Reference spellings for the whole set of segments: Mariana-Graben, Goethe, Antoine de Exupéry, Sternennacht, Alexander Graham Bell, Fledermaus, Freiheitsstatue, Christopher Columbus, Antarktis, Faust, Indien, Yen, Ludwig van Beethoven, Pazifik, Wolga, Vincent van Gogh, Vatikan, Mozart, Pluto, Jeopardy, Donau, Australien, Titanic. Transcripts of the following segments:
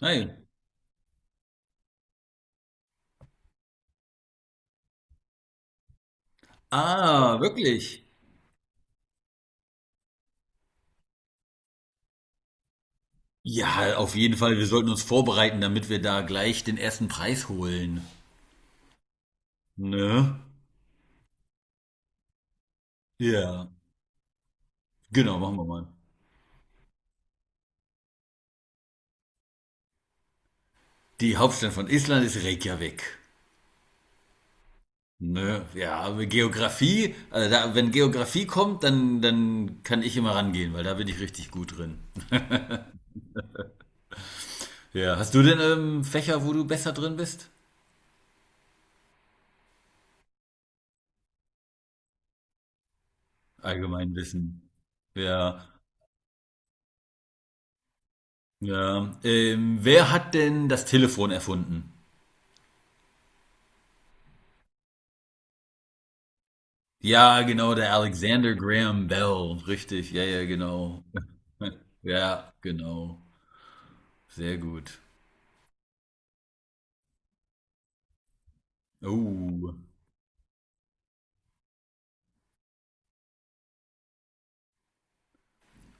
Hi. Ah, wirklich? Ja, auf jeden Fall. Wir sollten uns vorbereiten, damit wir da gleich den ersten Preis holen. Ne? Ja. Genau, machen wir mal. Die Hauptstadt von Island ist Reykjavik. Ne? Ja, aber Geografie, also da, wenn Geografie kommt, dann kann ich immer rangehen, weil da bin ich richtig gut drin. Ja, hast du denn Fächer, wo du besser drin bist? Allgemeinwissen. Ja, ja. Wer hat denn das Telefon erfunden? Ja, genau, der Alexander Graham Bell, richtig, ja, ja, genau. Ja, genau, sehr gut. Oh,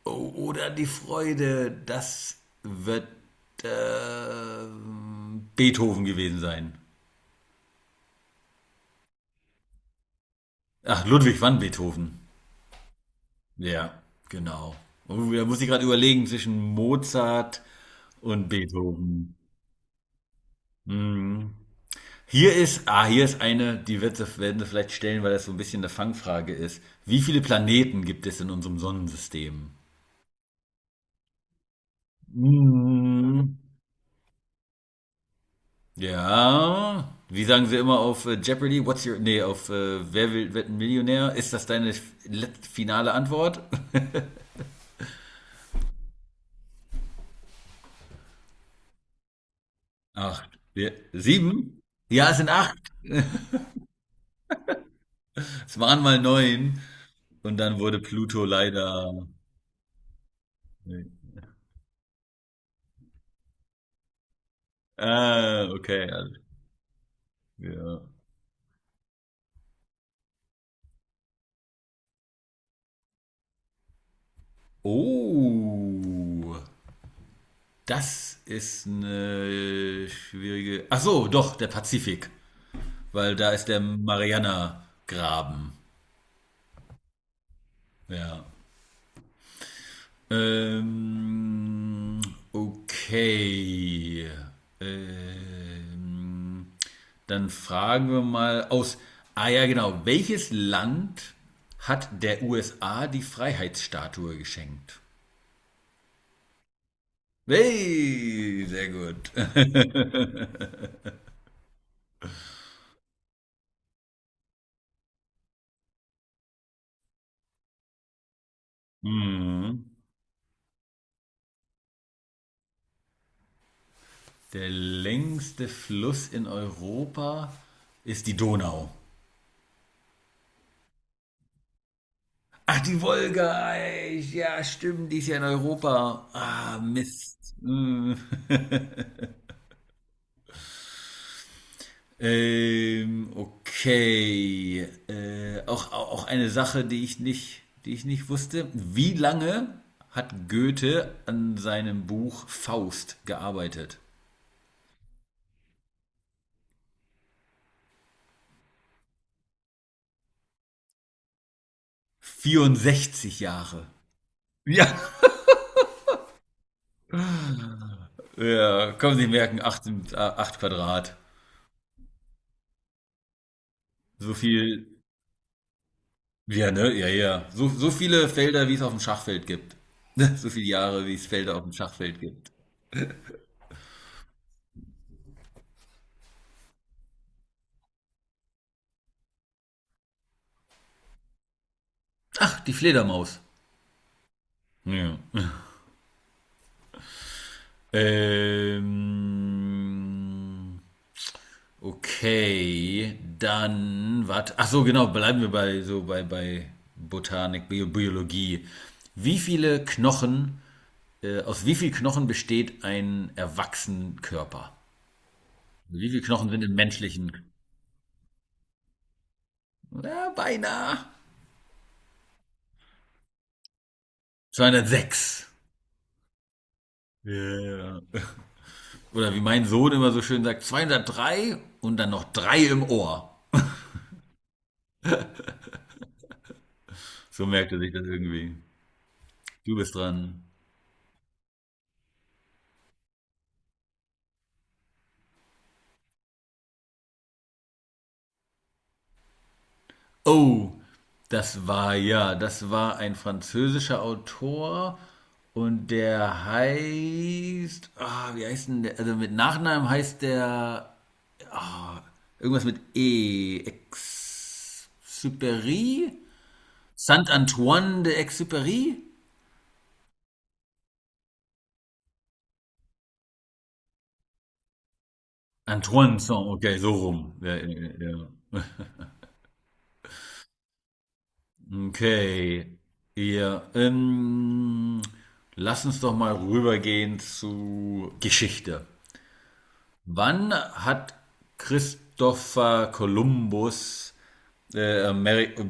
oh, oder die Freude, das wird Beethoven gewesen sein. Ach, Ludwig van Beethoven. Ja, genau. Oh, da muss ich gerade überlegen zwischen Mozart und Beethoven. Mhm. Hier ist eine, werden sie vielleicht stellen, weil das so ein bisschen eine Fangfrage ist. Wie viele Planeten gibt es in unserem Sonnensystem? Hm, ja. Wie sagen sie immer auf Jeopardy? Nee, auf Wer will, wird ein Millionär? Ist das deine finale Antwort? Acht. Ja, sieben? Ja, es sind acht. Es waren mal neun. Und dann wurde Pluto leider. Nee. Ah, okay. Ja. Oh. Das ist eine schwierige. Ach so, doch, der Pazifik, weil da ist der Mariana-Graben. Ja. Ähm, okay. Ähm, Dann fragen wir mal aus. Ah ja, genau. Welches Land hat der USA die Freiheitsstatue geschenkt? Hey, sehr gut. Mhm. Der längste Fluss in Europa ist die Donau. Ach, die Wolga, ey, ja, stimmt, die ist ja in Europa. Ah, Mist. Hm. Okay. Auch eine Sache, die ich nicht wusste. Wie lange hat Goethe an seinem Buch Faust gearbeitet? 64 Jahre. Ja. Ja, kommen Sie merken, 8 8 Quadrat. So viel. Ja, ne? Ja, ja. So viele Felder, wie es auf dem Schachfeld gibt. So viele Jahre, wie es Felder auf dem Schachfeld gibt. Ach, die Fledermaus. Ja. Ähm, okay, dann, warte. Ach so, genau, bleiben wir bei Botanik, Biologie. Wie viele Knochen, Aus wie viel Knochen besteht ein erwachsenen Körper? Wie viele Knochen sind im menschlichen? Ja, beinahe. 206. Ja. Oder wie mein Sohn immer so schön sagt, 203 und dann noch drei im Ohr. So merkte sich das irgendwie. Du bist dran. Oh, das war ja, das war ein französischer Autor und der heißt, wie heißt denn der? Also mit Nachnamen heißt der ah, irgendwas mit E. Exupéry? Saint Antoine de Exupéry? Antoine, Saint, okay, so rum. Ja, ja, ja. Okay. Ja, lass uns doch mal rübergehen zu Geschichte. Wann hat Christopher Columbus Ameri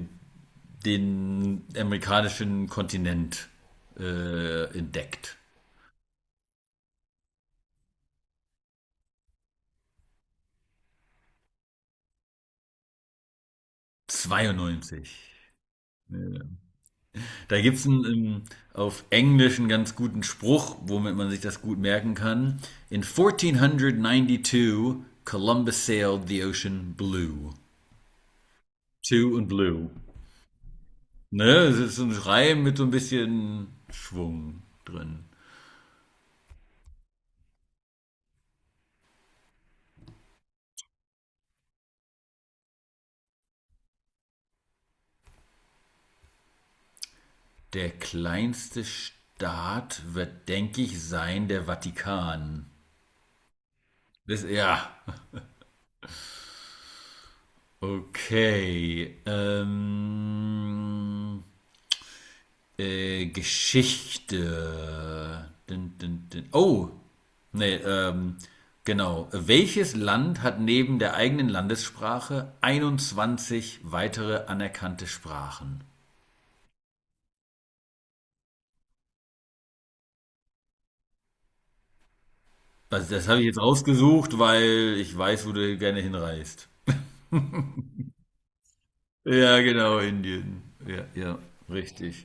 den amerikanischen Kontinent entdeckt? 92. Da gibt es einen auf Englisch einen ganz guten Spruch, womit man sich das gut merken kann. In 1492 Columbus sailed the ocean blue. Two und blue. Ne, es ist so ein Reim mit so ein bisschen Schwung drin. Der kleinste Staat wird, denke ich, sein der Vatikan. Das, ja, okay. Geschichte. Dun, dun, dun. Oh, nee, genau. Welches Land hat neben der eigenen Landessprache 21 weitere anerkannte Sprachen? Also das habe ich jetzt rausgesucht, weil ich weiß, wo du gerne hinreist. Ja, genau, Indien. Ja, ja, richtig.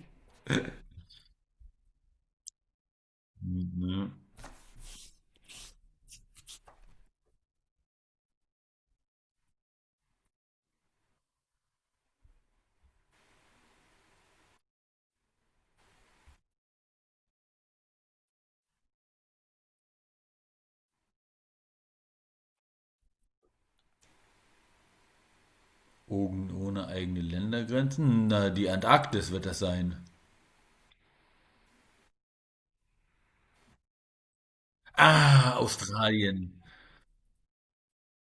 Mhm. Ogen ohne eigene Ländergrenzen? Na, die Antarktis wird das sein. Ah, Australien.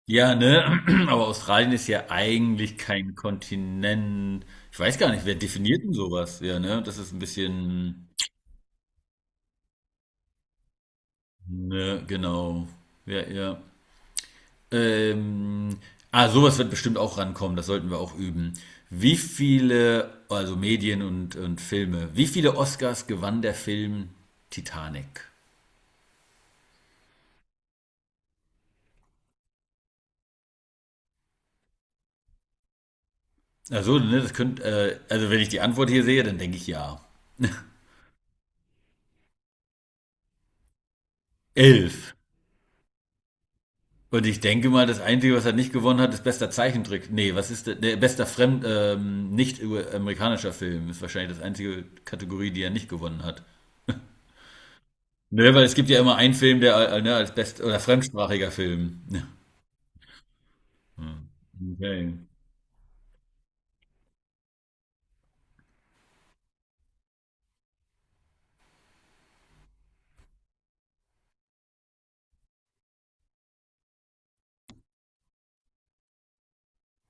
Ja, ne? Aber Australien ist ja eigentlich kein Kontinent. Ich weiß gar nicht, wer definiert denn sowas? Ja, ne? Das ist ein bisschen. Ne, genau. Ja, ja. Ähm, Sowas wird bestimmt auch rankommen. Das sollten wir auch üben. Wie viele, also Medien und Filme, wie viele Oscars gewann der Film Titanic? Also, ne, das könnte, also wenn ich die Antwort hier sehe, dann denke ich ja. 11. Und ich denke mal, das Einzige, was er nicht gewonnen hat, ist bester Zeichentrick. Nee, was ist der? Nee, nicht amerikanischer Film ist wahrscheinlich das einzige Kategorie, die er nicht gewonnen hat. Nö, weil es gibt ja immer einen Film, der ne, als best oder fremdsprachiger Film. Ja. Okay.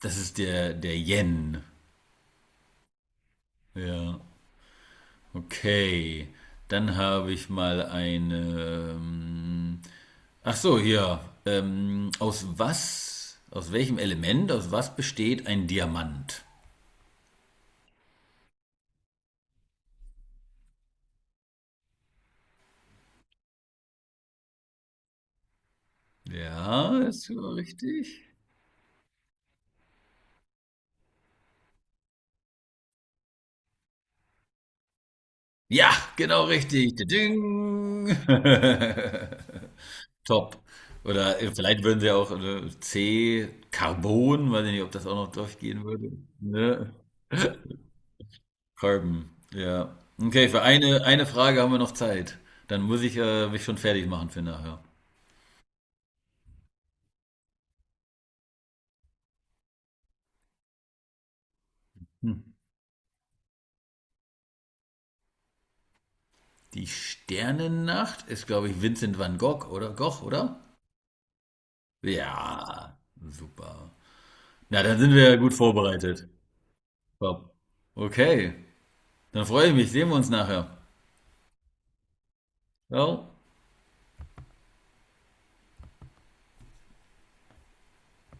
Das ist der Yen. Ja. Okay. Dann habe ich mal eine. Ach so, hier. Aus was, aus welchem Element, aus was besteht ein Diamant? Ja, ist sogar richtig. Ja, genau richtig. Ding. Top. Oder vielleicht würden sie auch C, Carbon, weiß ich nicht, ob das auch noch durchgehen würde. Ne? Carbon, ja. Okay, für eine Frage haben wir noch Zeit. Dann muss ich mich schon fertig machen für nachher. Hm. Die Sternennacht ist, glaube ich, Vincent van Gogh, oder? Gogh, oder? Ja, super. Na, dann sind wir ja gut vorbereitet. Top. Okay. Dann freue ich mich, sehen wir uns nachher. Ciao.